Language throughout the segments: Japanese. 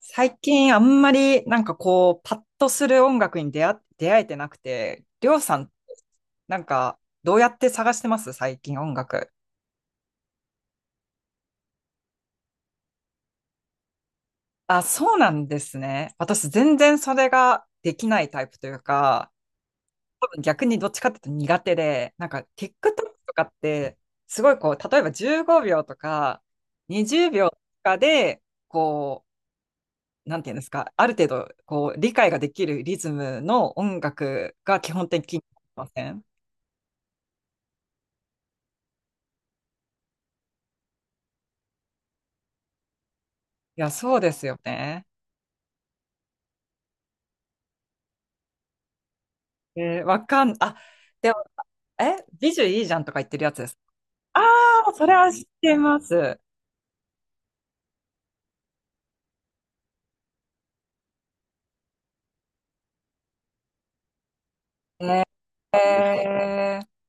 最近あんまりパッとする音楽に出会えてなくて、りょうさん、なんかどうやって探してます最近音楽。あ、そうなんですね。私全然それができないタイプというか、多分逆にどっちかっていうと苦手で、なんか TikTok とかって、すごいこう、例えば15秒とか20秒とかで、こなんていうんですか、ある程度こう理解ができるリズムの音楽が基本的にありません。いや、そうですよね。えー、わかん、あ、でも、え、美女いいじゃんとか言ってるやつです。ああ、それは知ってます。えー、い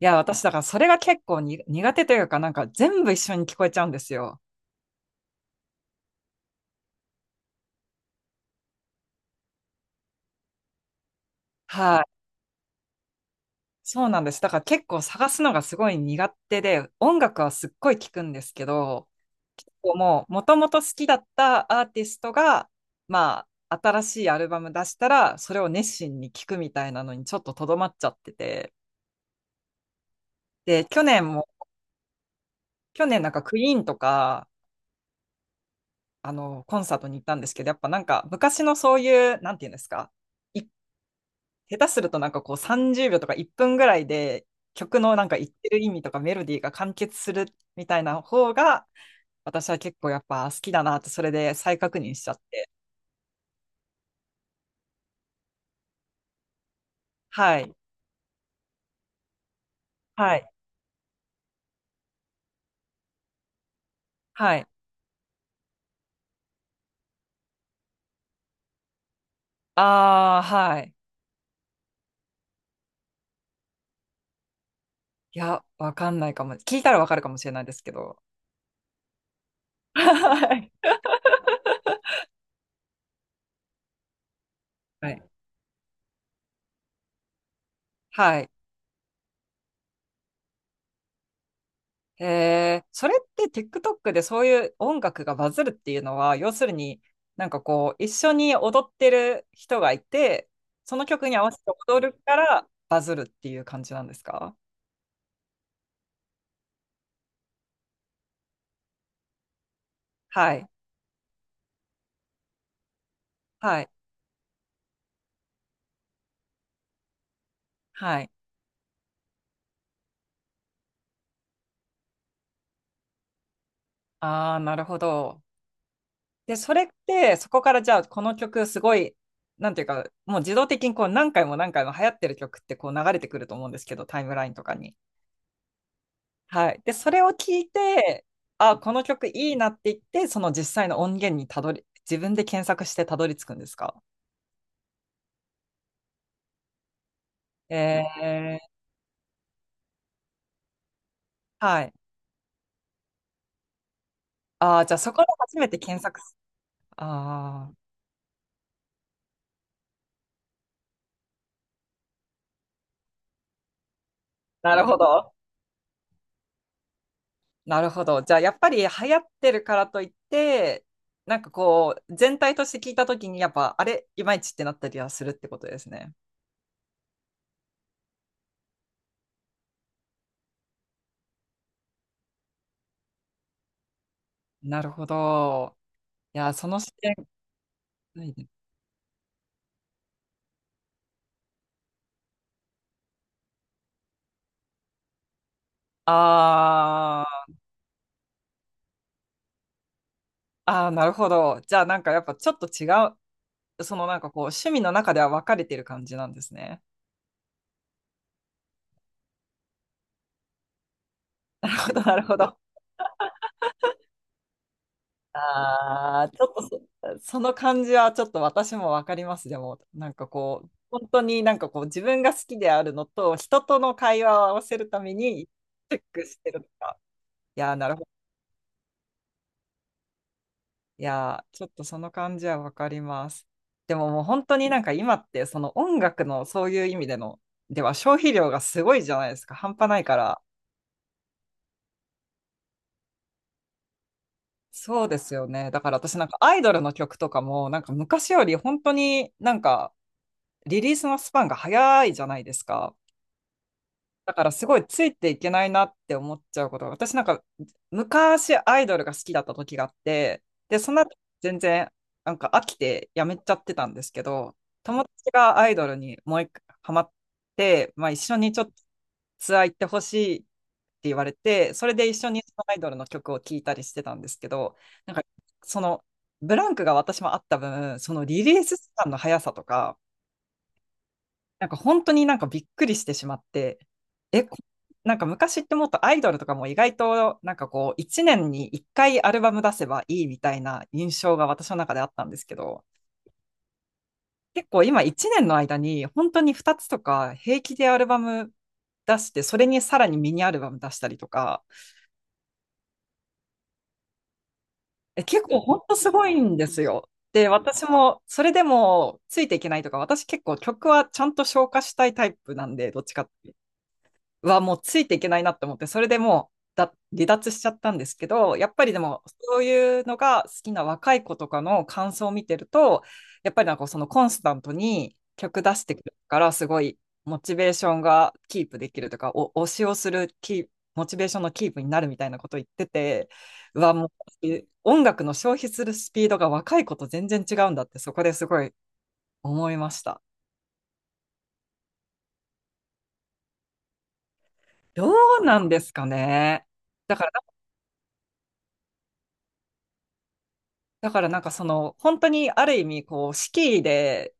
や、私、だからそれが結構に苦手というか、なんか全部一緒に聞こえちゃうんですよ。はい。そうなんです。だから結構探すのがすごい苦手で、音楽はすっごい聞くんですけど、結構もう、もともと好きだったアーティストが、まあ、新しいアルバム出したら、それを熱心に聞くみたいなのにちょっととどまっちゃってて。で、去年も、去年なんかクイーンとか、あの、コンサートに行ったんですけど、やっぱなんか昔のそういう、なんていうんですか、い下手するとなんかこう30秒とか1分ぐらいで曲のなんか言ってる意味とかメロディーが完結するみたいな方が、私は結構やっぱ好きだなって、それで再確認しちゃって。はい。はい。はい。ああ、はい。いや、わかんないかも。聞いたらわかるかもしれないですけど。はい。はい。はい。へえ、それって TikTok でそういう音楽がバズるっていうのは、要するに一緒に踊ってる人がいて、その曲に合わせて踊るからバズるっていう感じなんですか？はい、はい、はい。ああ、なるほど。で、それって、そこからじゃあ、この曲すごい、なんていうか、もう自動的にこう何回も何回も流行ってる曲ってこう流れてくると思うんですけど、タイムラインとかに。はい。で、それを聞いて、あ、この曲いいなって言って、その実際の音源にたどり、自分で検索してたどり着くんですか？えー、はい。あー、じゃあそこで初めて検索す。ああ、なるほど。なるほど。じゃあやっぱり流行ってるからといって、全体として聞いたときに、やっぱ、あれ、いまいちってなったりはするってことですね。なるほど。いや、その視点、ないね。あーあー、なるほど。じゃあ、なんかやっぱちょっと違う、趣味の中では分かれてる感じなんですね。なるほど、なるほど。ああ、ちょっとそ、その感じはちょっと私も分かります。でも、なんかこう、本当になんかこう、自分が好きであるのと、人との会話を合わせるために、チェックしてるとか。いやー、なるほど。いやー、ちょっとその感じは分かります。でももう本当に今って、その音楽のそういう意味での消費量がすごいじゃないですか。半端ないから。そうですよね。だから私なんかアイドルの曲とかも、なんか昔より本当になんかリリースのスパンが早いじゃないですか。だからすごいついていけないなって思っちゃうことが、私なんか昔アイドルが好きだった時があって、で、その後全然なんか飽きてやめちゃってたんですけど、友達がアイドルにもう一回ハマって、まあ一緒にちょっとツアー行ってほしいって言われて、それで一緒にそのアイドルの曲を聴いたりしてたんですけど、なんかそのブランクが私もあった分、そのリリース時間の速さとか、なんか本当になんかびっくりしてしまって、え、こなんか昔ってもっとアイドルとかも意外となんかこう1年に1回アルバム出せばいいみたいな印象が私の中であったんですけど、結構今1年の間に本当に2つとか平気でアルバム出して、それにさらにミニアルバム出したりとか、え、結構本当すごいんですよ。で、私もそれでもついていけないとか、私結構曲はちゃんと消化したいタイプなんで、どっちかってはもうついていけないなって思って、それでもう離脱しちゃったんですけど、やっぱりでもそういうのが好きな若い子とかの感想を見てると、やっぱりなんかそのコンスタントに曲出してくるから、すごいモチベーションがキープできるとか、お推しをするキープモチベーションのキープになるみたいなこと言ってて、うわ、もう音楽の消費するスピードが若い子と全然違うんだって、そこですごい思いました。どうなんですかね。だからだからなんかその、本当にある意味、こう、四季で、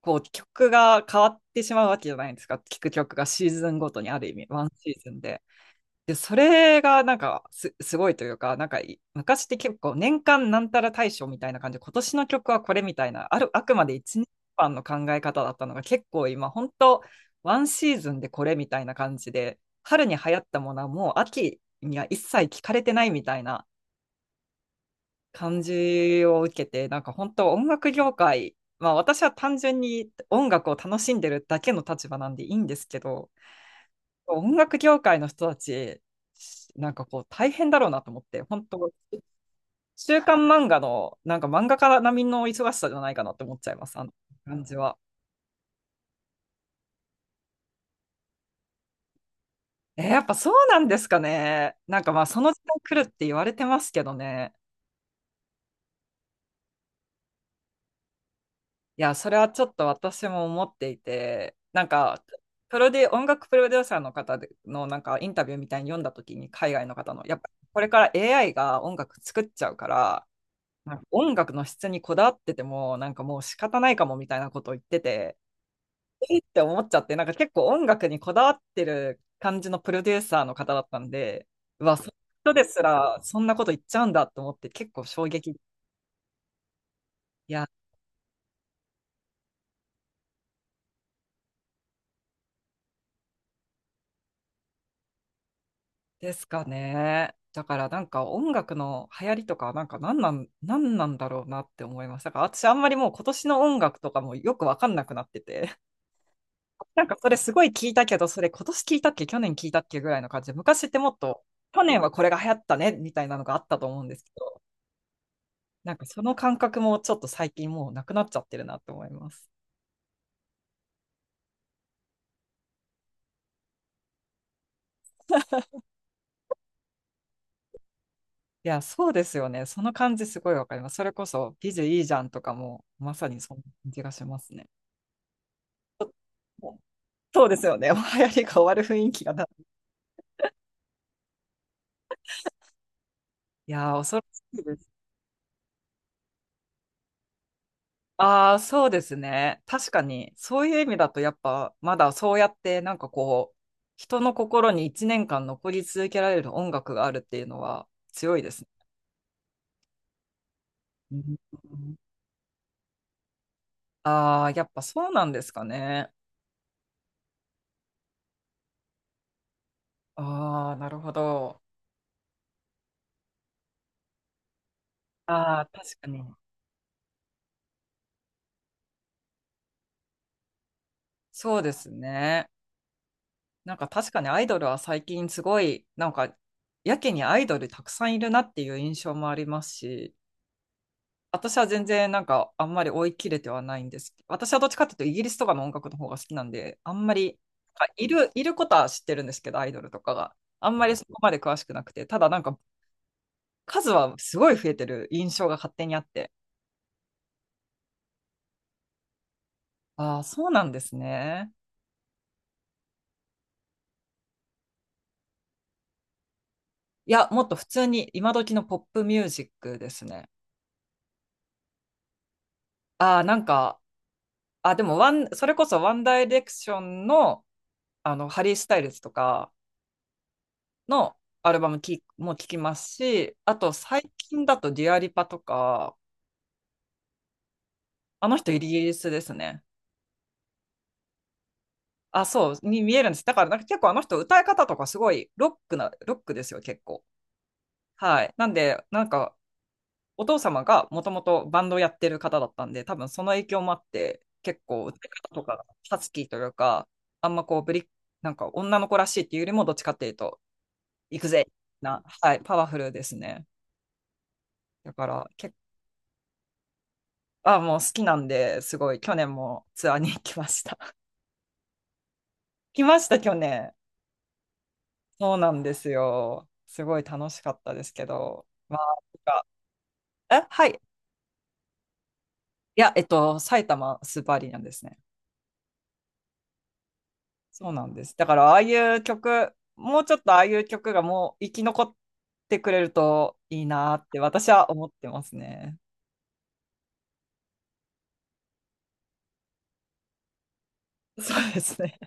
こう、曲が変わってしまうわけじゃないですか。聴く曲がシーズンごとにある意味、ワンシーズンで。で、それがすごいというか、なんかい、昔って結構年間なんたら大賞みたいな感じで、今年の曲はこれみたいな、あくまで一年間の考え方だったのが、結構今、本当ワンシーズンでこれみたいな感じで、春に流行ったものはもう秋には一切聞かれてないみたいな、感じを受けて、なんか本当音楽業界、まあ私は単純に音楽を楽しんでるだけの立場なんでいいんですけど、音楽業界の人たち、なんかこう大変だろうなと思って、本当、週刊漫画の、なんか漫画家並みの忙しさじゃないかなって思っちゃいます、あの感じは。えーやっぱそうなんですかね。なんかまあその時代来るって言われてますけどね。いや、それはちょっと私も思っていて、なんか、プロデュ、音楽プロデューサーの方でのなんかインタビューみたいに読んだ時に海外の方の、やっぱこれから AI が音楽作っちゃうから、なんか音楽の質にこだわってても、なんかもう仕方ないかもみたいなことを言ってて、えーって思っちゃって、なんか結構音楽にこだわってる感じのプロデューサーの方だったんで、うわ、その人ですらそんなこと言っちゃうんだと思って結構衝撃。いやですかね。だからなんか音楽の流行りとかなんか何なんだろうなって思いました。だから私あんまりもう今年の音楽とかもよくわかんなくなってて、なんかそれすごい聞いたけど、それ今年聞いたっけ、去年聞いたっけぐらいの感じで、昔ってもっと去年はこれが流行ったねみたいなのがあったと思うんですけど、なんかその感覚もちょっと最近もうなくなっちゃってるなって思います。いや、そうですよね。その感じすごいわかります。それこそ、ビジュいいじゃんとかも、まさにそんな感じがしますね。そうですよね。もう流行りが終わる雰囲気がな。いやー、恐ろしいです。ああ、そうですね。確かに、そういう意味だと、やっぱ、まだそうやって、人の心に1年間残り続けられる音楽があるっていうのは強いですね。ああー、やっぱそうなんですかね。ああ、なるほど。ああ、確かに。そうですね。なんか確かにアイドルは最近すごい、なんか、やけにアイドルたくさんいるなっていう印象もありますし、私は全然なんかあんまり追い切れてはないんですけど。私はどっちかっていうとイギリスとかの音楽の方が好きなんで、あんまり、なんかいることは知ってるんですけど、アイドルとかが。あんまりそこまで詳しくなくて、ただなんか数はすごい増えてる印象が勝手にあって。ああ、そうなんですね。いや、もっと普通に今時のポップミュージックですね。ああ、なんか、あ、でもワン、それこそワンダイレクションの、あの、ハリー・スタイルズとか、のアルバムきも聴きますし、あと最近だとディアリパとか、あの人イギリスですね。あ、そう、に見えるんです。だからなんか結構あの人歌い方とかすごいロックですよ、結構。はい。なんで、なんかお父様がもともとバンドをやってる方だったんで、多分その影響もあって、結構歌い方とか、ハスキーというか、あんまこうブリ、なんか女の子らしいっていうよりも、どっちかっていうと、行くはい、パワフルですね。だから結あ、もう好きなんで、すごい、去年もツアーに行きました。来ました、去年。そうなんですよ。すごい楽しかったですけど。まあ、なんかえ、はい。いや、えっと、埼玉スーパーアリーナですね。そうなんです。だから、ああいう曲、もうちょっとああいう曲がもう生き残ってくれるといいなって私は思ってますね。そうですね。